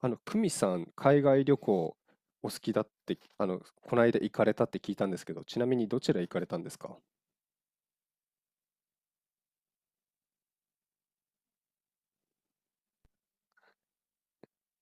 久美さん、海外旅行お好きだって、この間行かれたって聞いたんですけど、ちなみにどちら行かれたんですか？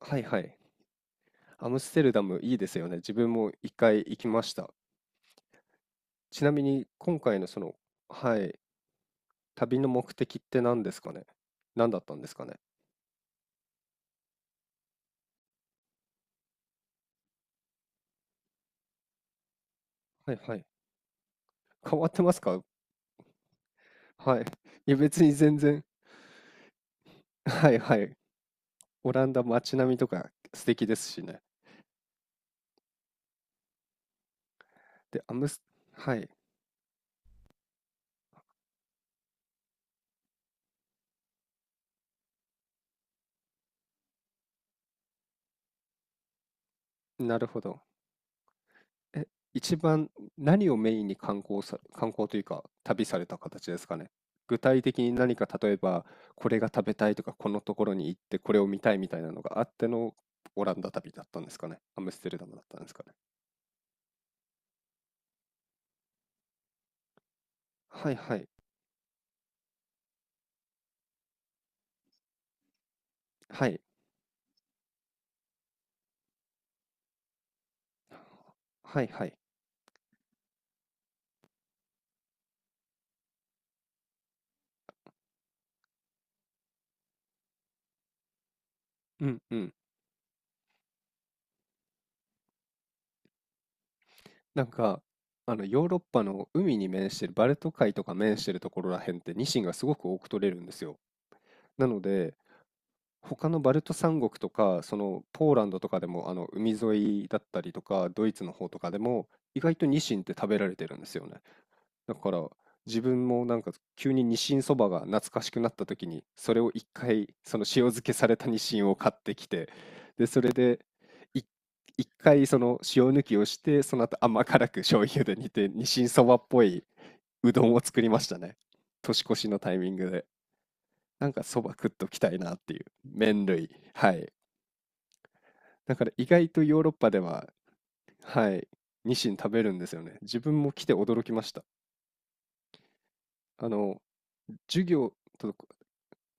はいはい。アムステルダムいいですよね。自分も一回行きました。ちなみに今回のはい、旅の目的って何ですかね？何だったんですかね？はいはい。変わってますか？はい。いや別に全然。はいはい。オランダ街並みとか素敵ですしね。で、アムス、はい。なるほど。え、一番何をメインに観光というか旅された形ですかね？具体的に何か、例えばこれが食べたいとか、このところに行ってこれを見たいみたいなのがあってのオランダ旅だったんですかね？アムステルダムだったんですかね？はいはい、はいはいはい。うんうん。なんかヨーロッパの海に面してるバルト海とか面してるところらへんって、ニシンがすごく多く取れるんですよ。なので他のバルト三国とか、そのポーランドとかでも、あの海沿いだったりとか、ドイツの方とかでも、意外とニシンって食べられてるんですよね。だから自分もなんか、急にニシンそばが懐かしくなった時に、それを一回、その塩漬けされたニシンを買ってきて、で、それでい一回その塩抜きをして、その後甘辛く醤油で煮て、ニシンそばっぽいうどんを作りましたね。年越しのタイミングで。なんかそば食っときたいなっていう麺類。はい、だから意外とヨーロッパでは、はい、ニシン食べるんですよね。自分も来て驚きました。あの授業と、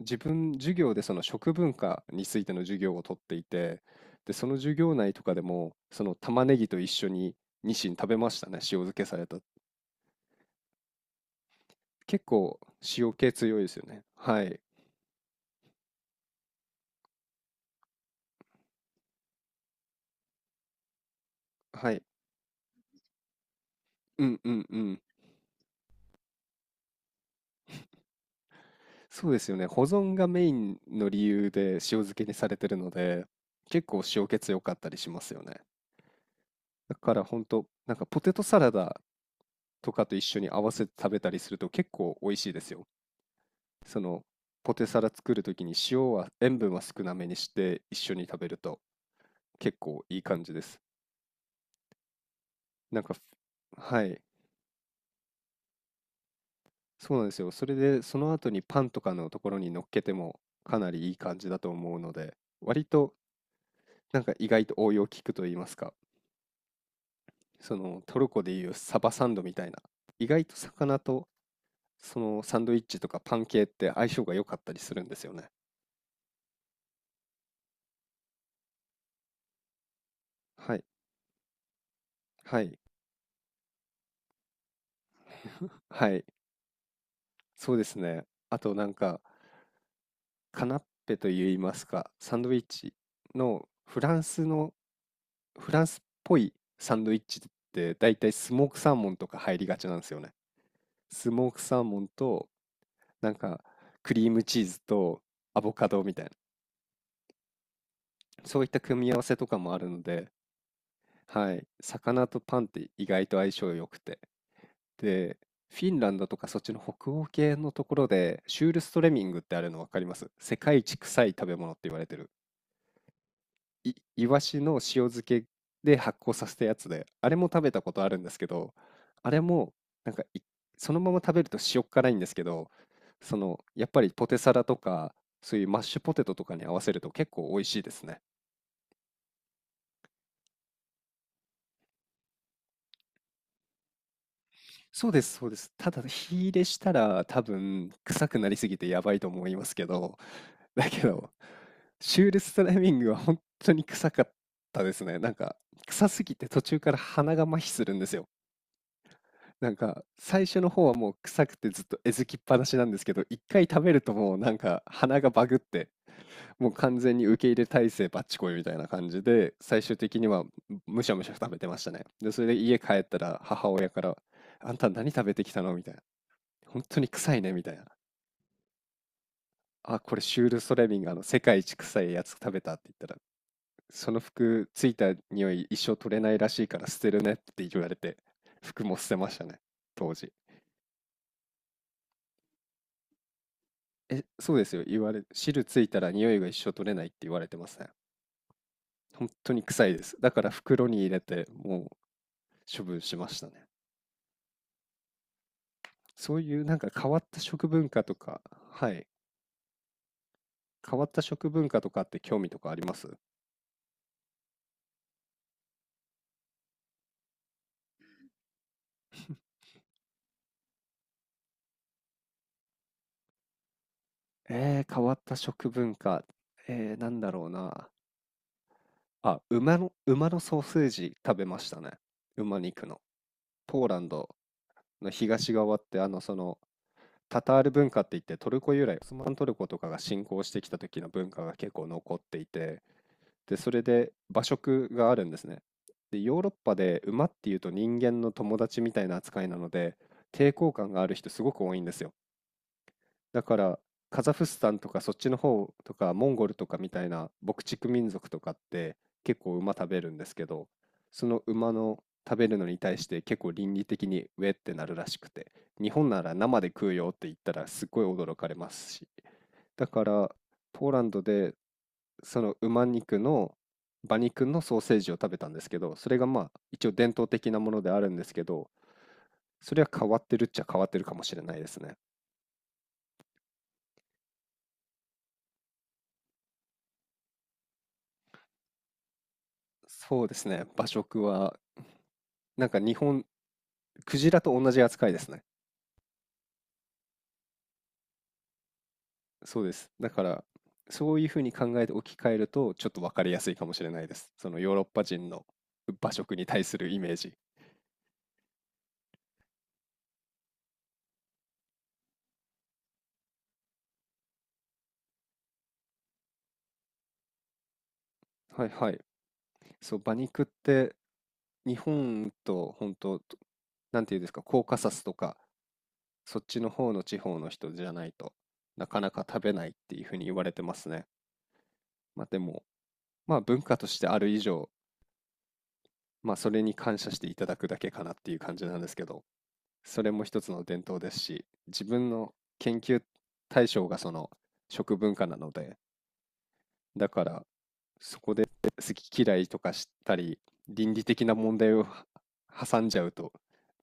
自分授業でその食文化についての授業をとっていて、でその授業内とかでもその玉ねぎと一緒にニシン食べましたね、塩漬けされた。結構塩気強いですよね。はいはい、うんうんうん。そうですよね。保存がメインの理由で塩漬けにされてるので、結構塩気強かったりしますよね。だから本当なんか、ポテトサラダとかと一緒に合わせて食べたりすると結構美味しいですよ。そのポテサラ作るときに、塩分は少なめにして一緒に食べると結構いい感じです。なんか、はい、そうなんですよ。それでその後にパンとかのところに乗っけてもかなりいい感じだと思うので、割となんか、意外と応用効くと言いますか。そのトルコでいうサバサンドみたいな、意外と魚とそのサンドイッチとかパン系って相性が良かったりするんですよね。はいはい、はい。そうですね。あとなんかカナッペといいますか、サンドイッチのフランスの、フランスっぽいサンドイッチって大体スモークサーモンとか入りがちなんですよね。スモークサーモンとなんかクリームチーズとアボカドみたいな、そういった組み合わせとかもあるので、はい、魚とパンって意外と相性良くて。で、フィンランドとかそっちの北欧系のところで、シュールストレミングってあるの分かります？世界一臭い食べ物って言われてる。イワシの塩漬けで発酵させたやつで、あれも食べたことあるんですけど、あれも、なんかい、そのまま食べると塩っ辛いんですけど、その、やっぱりポテサラとか、そういうマッシュポテトとかに合わせると結構美味しいですね。そうです、そうです。ただ、火入れしたら多分、臭くなりすぎてやばいと思いますけど、だけど、シュールストライミングは本当に臭かったですね。なんか、臭すぎて途中から鼻が麻痺するんですよ。なんか、最初の方はもう臭くてずっとえずきっぱなしなんですけど、一回食べるともうなんか鼻がバグって、もう完全に受け入れ体制バッチコイみたいな感じで、最終的にはむしゃむしゃ食べてましたね。で、それで家帰ったら母親から、あんた何食べてきたのみたいな。本当に臭いねみたいな。あ、これシュール・ソレミンがあの世界一臭いやつ食べたって言ったら、その服ついた匂い一生取れないらしいから捨てるねって言われて、服も捨てましたね、当時。え、そうですよ、言われ、汁ついたら匂いが一生取れないって言われてますね。本当に臭いです。だから袋に入れてもう処分しましたね。そういうなんか変わった食文化とか、はい、変わった食文化とかって興味とかあります？変わった食文化。なんだろうな。あ、馬のソーセージ食べましたね。馬肉の。ポーランドの東側ってタタール文化って言って、トルコ由来、オスマントルコとかが侵攻してきた時の文化が結構残っていて、でそれで馬食があるんですね。でヨーロッパで馬っていうと人間の友達みたいな扱いなので、抵抗感がある人すごく多いんですよ。だからカザフスタンとかそっちの方とか、モンゴルとかみたいな牧畜民族とかって結構馬食べるんですけど、その馬の食べるのに対して結構倫理的にウェってなるらしくて、日本なら生で食うよって言ったらすっごい驚かれますし、だからポーランドでその馬肉の馬肉のソーセージを食べたんですけど、それがまあ一応伝統的なものであるんですけど、それは変わってるっちゃ変わってるかもしれないですね。そうですね、馬食は。なんか日本、クジラと同じ扱いですね。そうです。だから、そういうふうに考えて置き換えると、ちょっと分かりやすいかもしれないです。そのヨーロッパ人の馬食に対するイメージ。はいはい。そう、馬肉って日本と本当、なんていうんですか、コーカサスとかそっちの方の地方の人じゃないとなかなか食べないっていうふうに言われてますね。まあでも、まあ文化としてある以上、まあそれに感謝していただくだけかなっていう感じなんですけど、それも一つの伝統ですし、自分の研究対象がその食文化なので、だからそこで好き嫌いとかしたり、倫理的な問題を挟んじゃうと、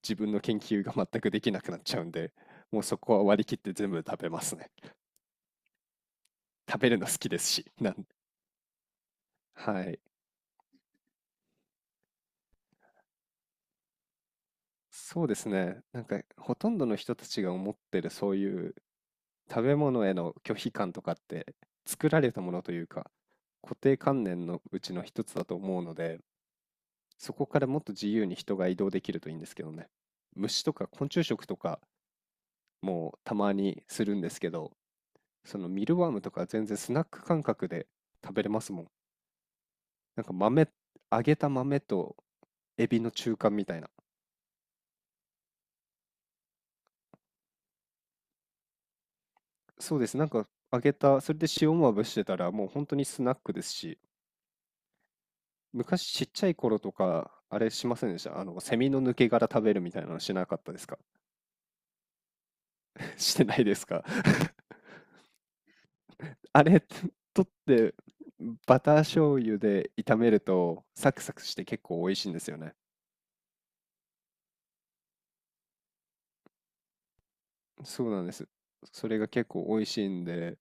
自分の研究が全くできなくなっちゃうんで、もうそこは割り切って全部食べますね。食べるの好きですし、なんで、はい。そうですね。なんかほとんどの人たちが思ってるそういう食べ物への拒否感とかって作られたものというか、固定観念のうちの一つだと思うので、そこからもっと自由に人が移動できるといいんですけどね。虫とか昆虫食とかもたまにするんですけど、そのミルワームとか全然スナック感覚で食べれますもん。なんか揚げた豆とエビの中間みたいな。そうです。なんか揚げた、それで塩まぶしてたらもう本当にスナックですし、昔ちっちゃい頃とか、あれしませんでした、あの、セミの抜け殻食べるみたいなのしなかったですか？ してないですか？ あれ、取ってバター醤油で炒めるとサクサクして結構美味しいんですよね。そうなんです。それが結構美味しいんで、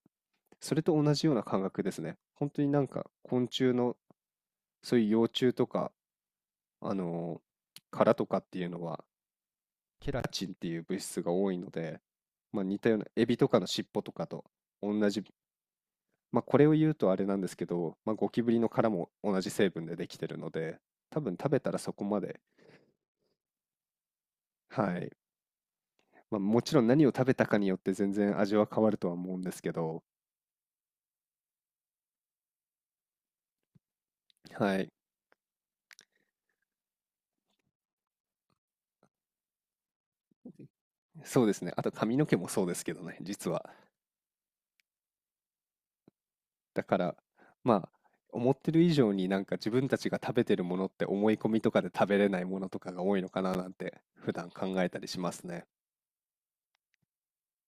それと同じような感覚ですね。本当になんか昆虫のそういう幼虫とか、あのー殻とかっていうのはケラチンっていう物質が多いので、まあ、似たようなエビとかの尻尾とかと同じ、まあ、これを言うとあれなんですけど、まあ、ゴキブリの殻も同じ成分でできてるので、多分食べたらそこまで、はい、まあ、もちろん何を食べたかによって全然味は変わるとは思うんですけど、はい、そうですね、あと髪の毛もそうですけどね実は。だからまあ、思ってる以上になんか自分たちが食べてるものって思い込みとかで食べれないものとかが多いのかななんて普段考えたりしますね。